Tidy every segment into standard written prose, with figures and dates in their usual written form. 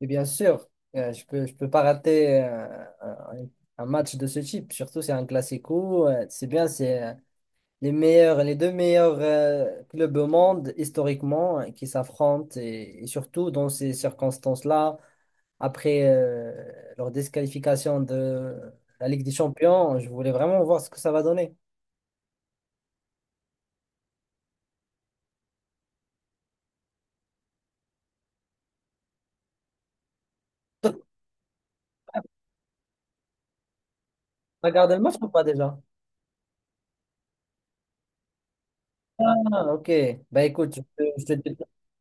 Et bien sûr, je peux pas rater un match de ce type. Surtout, c'est un Classico. C'est bien, c'est les meilleurs, les deux meilleurs clubs au monde historiquement qui s'affrontent et surtout dans ces circonstances-là, après leur disqualification de la Ligue des Champions, je voulais vraiment voir ce que ça va donner. T'as regardé le match ou pas déjà? Ah, ok. Bah écoute, je te dis.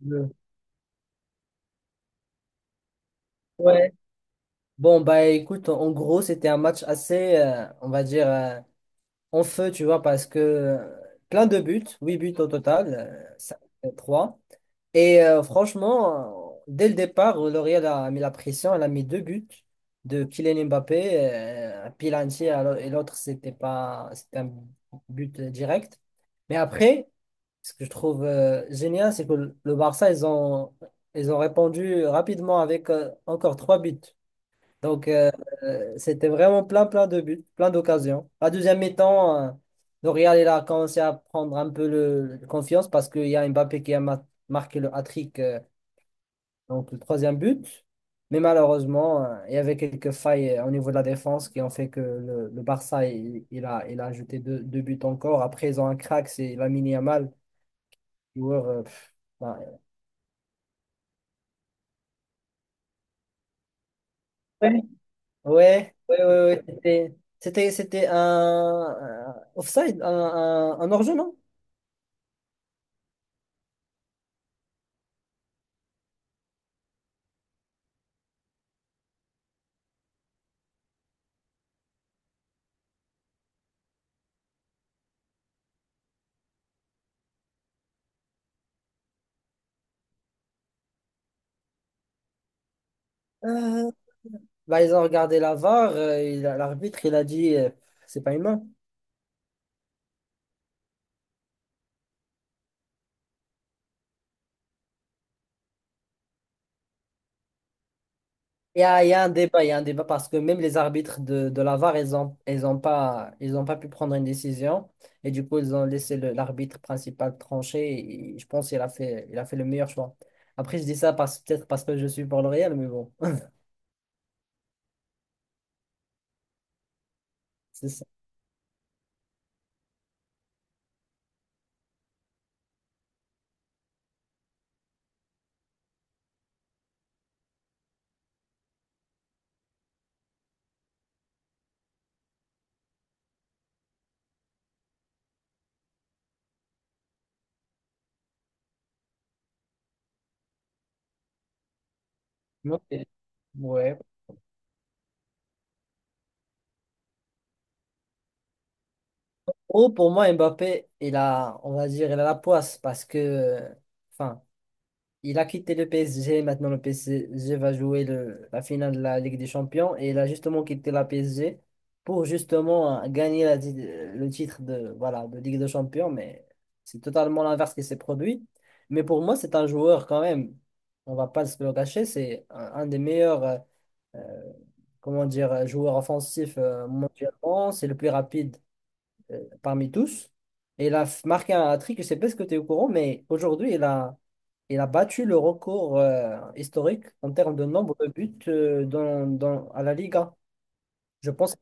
je- ouais. Bon, bah écoute, en gros, c'était un match assez, on va dire, en feu, tu vois, parce que plein de buts, 8 buts au total, 3 et franchement, dès le départ, L'Oréal a mis la pression, elle a mis 2 buts de Kylian Mbappé, un Pilanti et l'autre, c'était pas, c'était un but direct. Mais après, ce que je trouve génial, c'est que le Barça, ils ont répondu rapidement avec encore 3 buts. Donc, c'était vraiment plein, plein de buts, plein d'occasions. La deuxième mi-temps, le Real il a commencé à prendre un peu le confiance parce qu'il y a Mbappé qui a marqué le hat-trick, donc le troisième but. Mais malheureusement, il y avait quelques failles au niveau de la défense qui ont fait que le Barça, il a ajouté 2 buts encore. Après, ils ont un crack, c'est Lamine Yamal, joueur, ben, ouais. Ouais, ouais, ouais, ouais, C'était un offside, un hors-jeu, non? Euh, Bah, ils ont regardé la VAR, l'arbitre, il a dit, c'est pas humain. Il y a un débat, il y a un débat parce que même les arbitres de la VAR, ils ont pas pu prendre une décision. Et du coup, ils ont laissé l'arbitre principal trancher. Et je pense qu'il a fait le meilleur choix. Après, je dis ça peut-être parce que je suis pour le Real, mais bon, c'est ça. Ok. Ouais. Oh, pour moi, Mbappé, on va dire, il a la poisse parce que, enfin, il a quitté le PSG, maintenant le PSG va jouer la finale de la Ligue des Champions et il a justement quitté la PSG pour justement gagner le titre de, voilà, de Ligue des Champions, mais c'est totalement l'inverse qui s'est produit. Mais pour moi, c'est un joueur quand même, on va pas se le cacher, c'est un des meilleurs euh, comment dire, joueurs offensifs mondialement, c'est le plus rapide parmi tous. Et il a marqué un hat-trick, je ne sais pas ce que tu es au courant, mais aujourd'hui, il a battu le record historique en termes de nombre de buts à la Liga. Je pense que-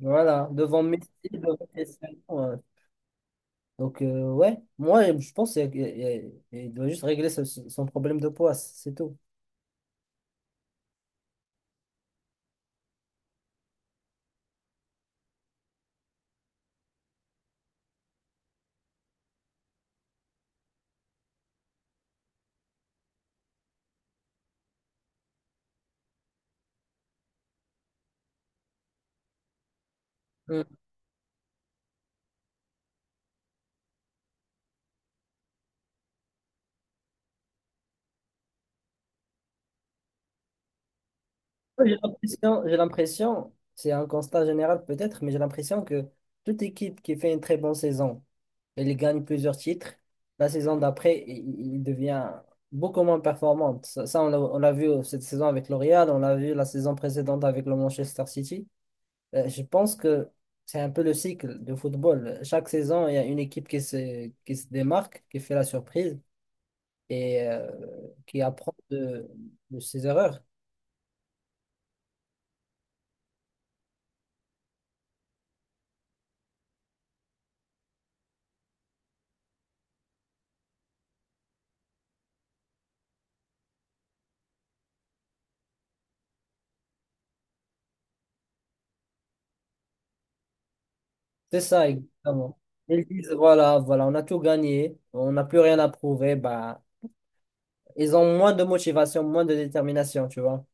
voilà, devant Messi, devant Cristiano. Donc, ouais, moi, je pense qu'il doit juste régler son problème de poids, c'est tout. Mm. J'ai l'impression, c'est un constat général peut-être, mais j'ai l'impression que toute équipe qui fait une très bonne saison, il gagne plusieurs titres. La saison d'après, il devient beaucoup moins performant. Ça, on l'a vu cette saison avec L'Oréal, on l'a vu la saison précédente avec le Manchester City. Je pense que c'est un peu le cycle de football. Chaque saison, il y a une équipe qui se démarque, qui fait la surprise et qui apprend de ses erreurs. C'est ça, exactement. Ils disent, voilà, voilà, on a tout gagné, on n'a plus rien à prouver, bah, ils ont moins de motivation, moins de détermination, tu vois.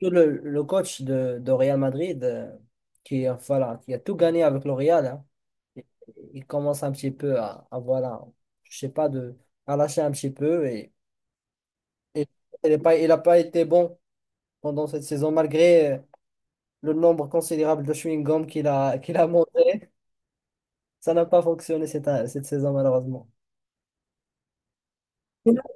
Tout le coach de Real Madrid, voilà, qui a tout gagné avec le Real, hein, il il commence un petit peu à, voilà, je sais pas, à lâcher un petit peu. Et, il a pas été bon pendant cette saison, malgré le nombre considérable de chewing-gum qu'il a monté. Ça n'a pas fonctionné cette saison, malheureusement. Sinon,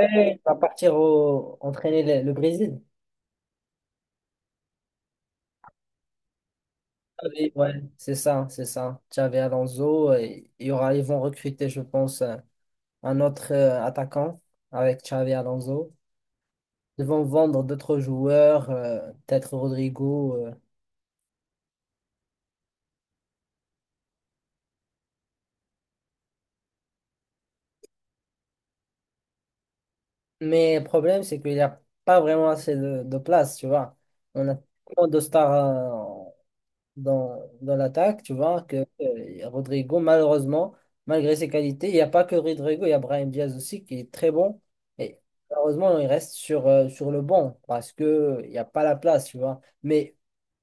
il va partir entraîner le Brésil. Xavi, ouais, c'est ça, c'est ça. Xavi Alonso, ils vont recruter, je pense, un autre attaquant avec Xavi Alonso. Ils vont vendre d'autres joueurs, peut-être Rodrigo. Mais le problème, c'est qu'il n'y a pas vraiment assez de place, tu vois. On a tellement de stars dans l'attaque, tu vois, que Rodrigo, malheureusement, malgré ses qualités, il n'y a pas que Rodrigo, il y a Brahim Diaz aussi qui est très bon. Et malheureusement, il reste sur le banc parce que il n'y a pas la place, tu vois. Mais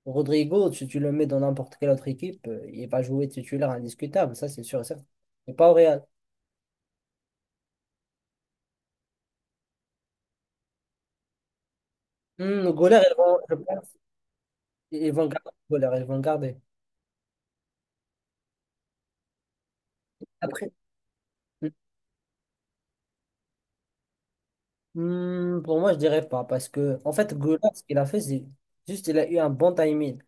Rodrigo, si tu le mets dans n'importe quelle autre équipe, il va jouer titulaire indiscutable, ça c'est sûr et certain. Mais pas au Real. Hmm, le goaler, ils vont, je pense, ils vont le garder le goaler, ils vont le garder. Après, hmm, pour moi, je dirais pas parce que, en fait, goaler, ce qu'il a fait, c'est juste il a eu un bon timing.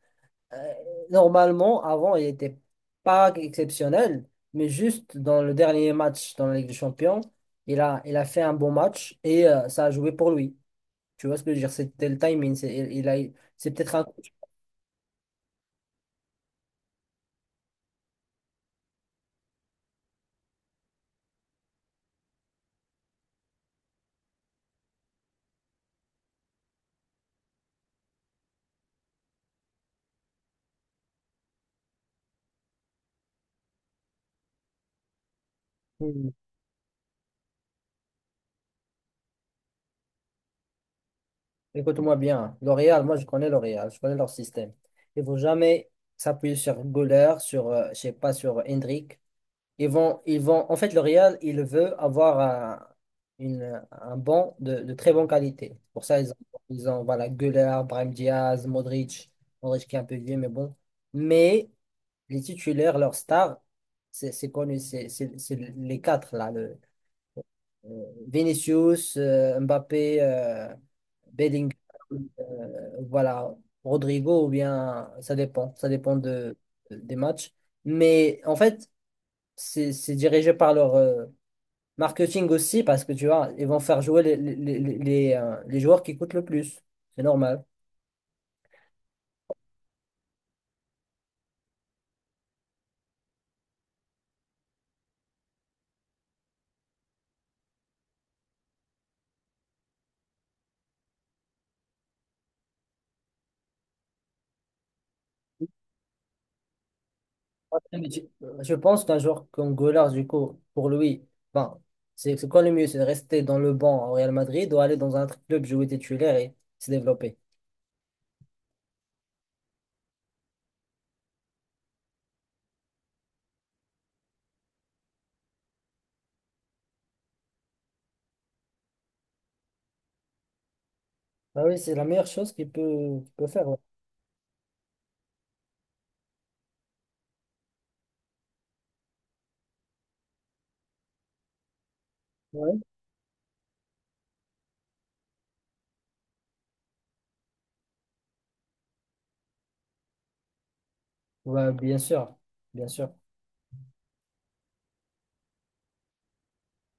Euh, Normalement, avant, il n'était pas exceptionnel, mais juste dans le dernier match dans la Ligue des Champions, il a fait un bon match et ça a joué pour lui. Tu vois ce que je veux dire? C'était le timing. C'est, il a, C'est peut-être un coach. Hmm. Écoute-moi bien. Hein, L'Oréal, moi, je connais L'Oréal, je connais leur système. Il ne faut jamais s'appuyer sur Goller, sur, je sais pas, sur Hendrik. Ils vont, en fait, le Real, il veut avoir un, une, un banc de très bonne qualité. Pour ça, ils ont voilà, Güler, Brahim Diaz, Modric, Modric qui est un peu vieux, mais bon. Mais les titulaires, leurs stars, c'est connu, c'est les quatre, là. Vinicius, Mbappé, Bellingham, voilà, Rodrigo, ou bien, ça dépend des matchs. Mais en fait, c'est dirigé par leur marketing aussi, parce que tu vois, ils vont faire jouer les joueurs qui coûtent le plus. C'est normal. Ah, mais je pense qu'un joueur comme Gollars, du coup, pour lui, enfin, c'est quoi le mieux? C'est de rester dans le banc au Real Madrid ou aller dans un autre club jouer titulaire et se développer? Bah oui, c'est la meilleure chose qu'il peut faire. Ouais. Ouais, bien sûr, bien sûr.